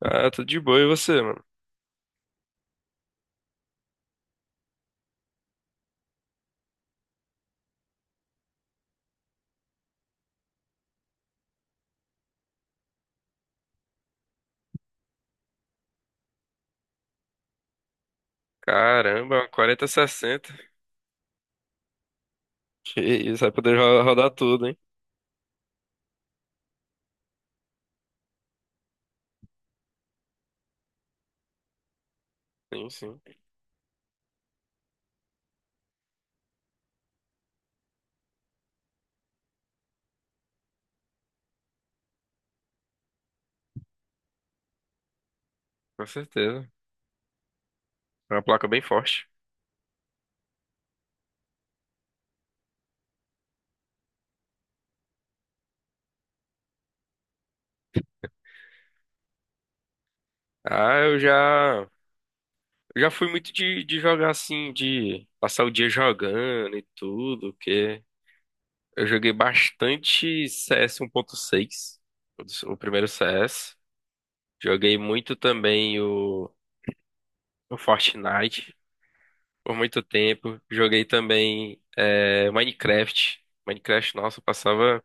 Ah, tudo de boa, e você, mano? Caramba, 4060. Que isso, vai poder rodar tudo, hein? Sim, sim, com certeza. É uma placa bem forte. Ah, eu já fui muito de jogar assim, de passar o dia jogando e tudo, que eu joguei bastante CS 1.6, o primeiro CS. Joguei muito também o Fortnite, por muito tempo. Joguei também Minecraft. Minecraft, nossa, eu passava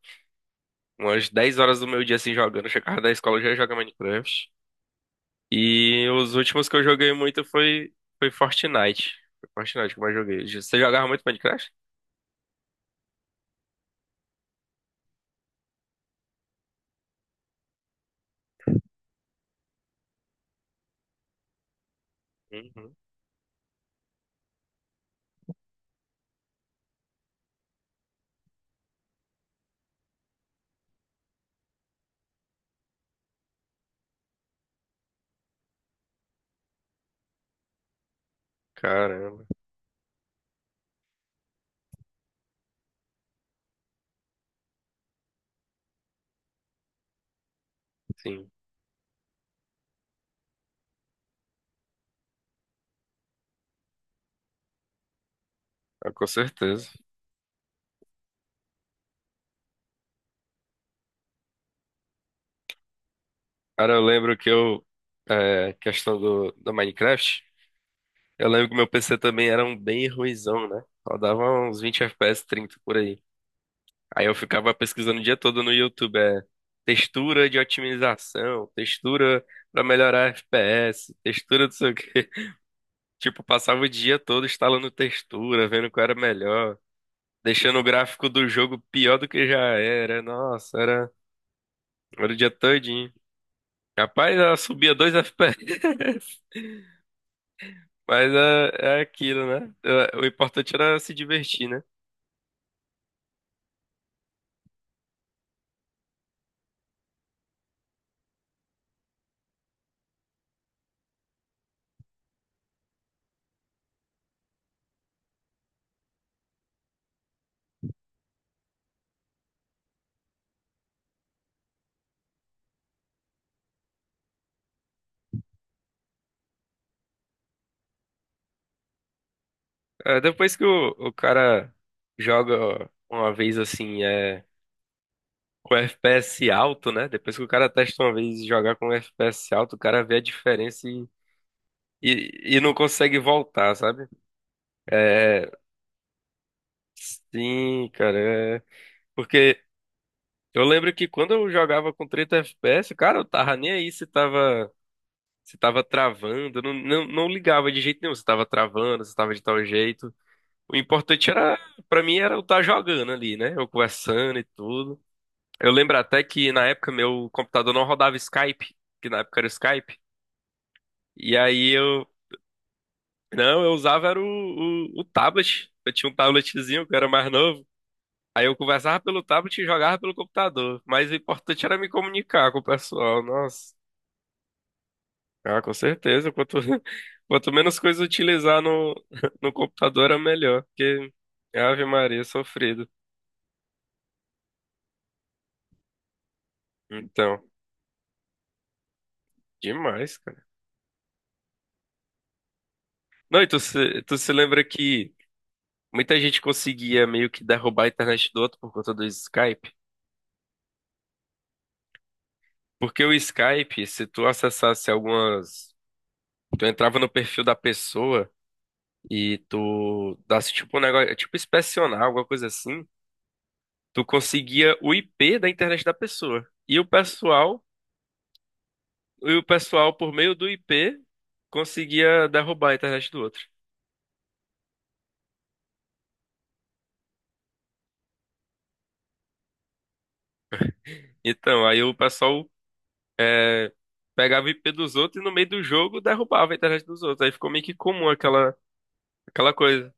umas 10 horas do meu dia assim jogando. Eu chegava da escola eu já jogava Minecraft. E os últimos que eu joguei muito foi Fortnite. Foi Fortnite que eu mais joguei. Você jogava muito Minecraft? Uhum. Caramba, sim, ah, com certeza. Cara, eu lembro que eu, questão do Minecraft, eu lembro que meu PC também era um bem ruinzão, né? Rodava uns 20 FPS, 30 por aí. Aí eu ficava pesquisando o dia todo no YouTube, textura de otimização, textura pra melhorar FPS, textura não sei o quê. Tipo, passava o dia todo instalando textura, vendo qual era melhor, deixando o gráfico do jogo pior do que já era. Nossa, era o dia todinho. Capaz, ela subia dois FPS, mas é aquilo, né? É, o importante era se divertir, né? É, depois que o cara joga uma vez assim, é. Com FPS alto, né? Depois que o cara testa uma vez e jogar com FPS alto, o cara vê a diferença e não consegue voltar, sabe? É, sim, cara. É. Porque eu lembro que quando eu jogava com 30 FPS, cara, eu tava nem aí se tava travando, eu não ligava de jeito nenhum se tava travando, se tava de tal jeito. O importante era, pra mim, era eu estar jogando ali, né? Eu conversando e tudo. Eu lembro até que na época meu computador não rodava Skype, que na época era o Skype. E aí eu. Não, eu usava era o tablet. Eu tinha um tabletzinho que eu era mais novo. Aí eu conversava pelo tablet e jogava pelo computador. Mas o importante era me comunicar com o pessoal. Nossa. Ah, com certeza. Quanto, quanto menos coisa utilizar no, no computador, era melhor. Porque Ave Maria, sofrido. Então, demais, cara. Não, e tu se lembra que muita gente conseguia meio que derrubar a internet do outro por conta do Skype? Porque o Skype, se tu acessasse algumas. Tu entrava no perfil da pessoa e tu desse tipo um negócio, tipo inspecionar, alguma coisa assim. Tu conseguia o IP da internet da pessoa. E o pessoal por meio do IP conseguia derrubar a internet do outro. Então, aí o pessoal é, pegava o IP dos outros e no meio do jogo derrubava a internet dos outros. Aí ficou meio que comum aquela coisa.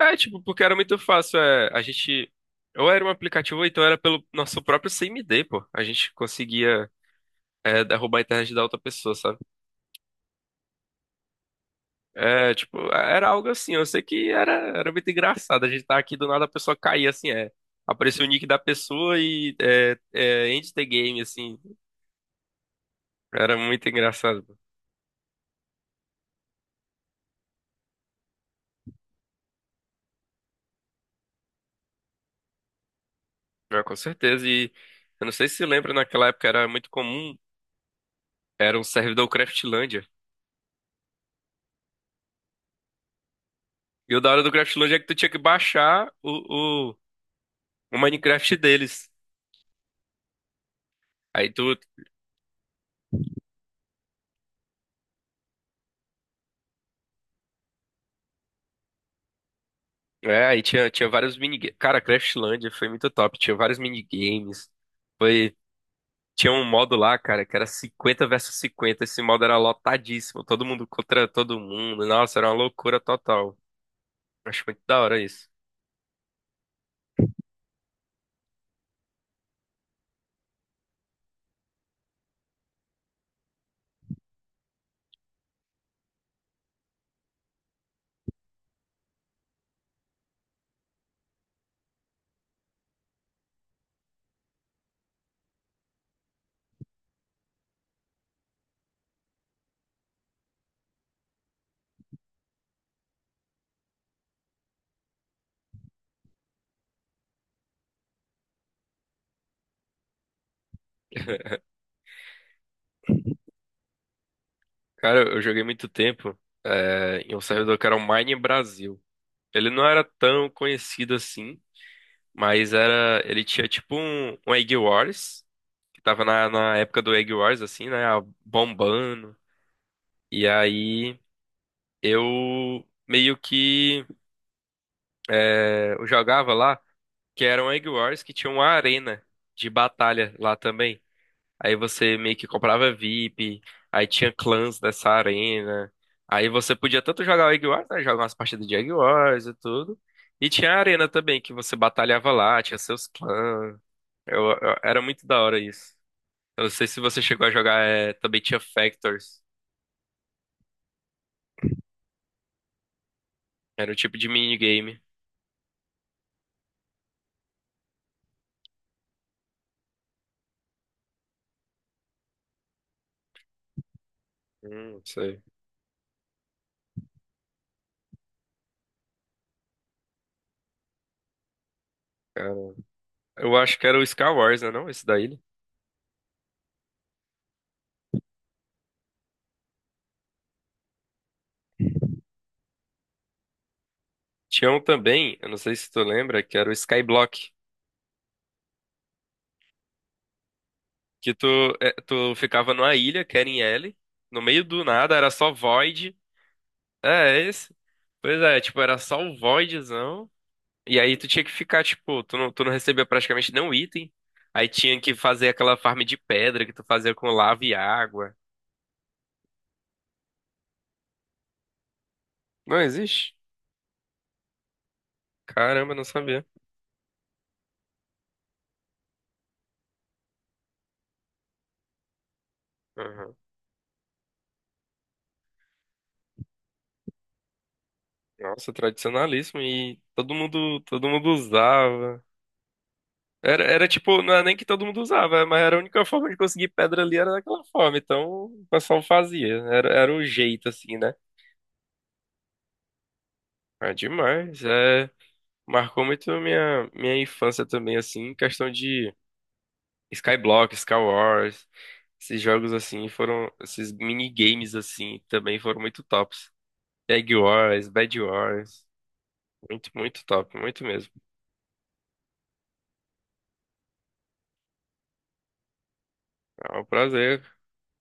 É, tipo, porque era muito fácil. É, a gente. Ou era um aplicativo, ou então era pelo nosso próprio CMD, pô. A gente conseguia. É, derrubar a internet da outra pessoa, sabe? É, tipo, era algo assim, eu sei que era muito engraçado. A gente tá aqui, do nada a pessoa caía, assim, é. Apareceu o nick da pessoa e end the game, assim. Era muito engraçado. É, com certeza. E eu não sei se você lembra, naquela época era muito comum, era um servidor Craftlândia. E o da hora do Craftlândia é que tu tinha que baixar o Minecraft deles. Aí tu. É, aí tinha vários minigames. Cara, Craftlândia foi muito top. Tinha vários minigames. Foi Tinha um modo lá, cara, que era 50 versus 50. Esse modo era lotadíssimo. Todo mundo contra todo mundo. Nossa, era uma loucura total. Acho muito da hora isso. Cara, eu joguei muito tempo, em um servidor que era o Mine Brasil. Ele não era tão conhecido assim, mas era. Ele tinha tipo um Egg Wars, que tava na época do Egg Wars, assim, né? Bombando. E aí eu meio que eu jogava lá. Que eram Egg Wars que tinha uma arena de batalha lá também. Aí você meio que comprava VIP, aí tinha clãs dessa arena. Aí você podia tanto jogar o Egg Wars, né, jogar umas partidas de Egg Wars e tudo. E tinha a arena também, que você batalhava lá, tinha seus clãs. Era muito da hora isso. Eu não sei se você chegou a jogar, também tinha Factors. Era um tipo de minigame. Não sei. Cara, eu acho que era o Skywars, né, não? Esse daí. Tinha um também, eu não sei se tu lembra, que era o Skyblock. Que tu ficava numa ilha, no meio do nada, era só Void. É, é esse. Pois é, tipo, era só o Voidzão. E aí tu tinha que ficar, tipo, tu não, recebia praticamente nenhum item. Aí tinha que fazer aquela farm de pedra que tu fazia com lava e água. Não existe? Caramba, não sabia. Aham. Nossa, tradicionalíssimo. E todo mundo usava. Era tipo, não era nem que todo mundo usava, mas era a única forma de conseguir pedra ali era daquela forma. Então o pessoal fazia. Era o jeito, assim, né? É demais. É, marcou muito minha infância também, assim, em questão de Skyblock, Skywars. Esses jogos assim foram. Esses minigames assim também foram muito tops. Egg Wars, Bad Wars. Muito, muito top, muito mesmo. É um prazer.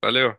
Valeu.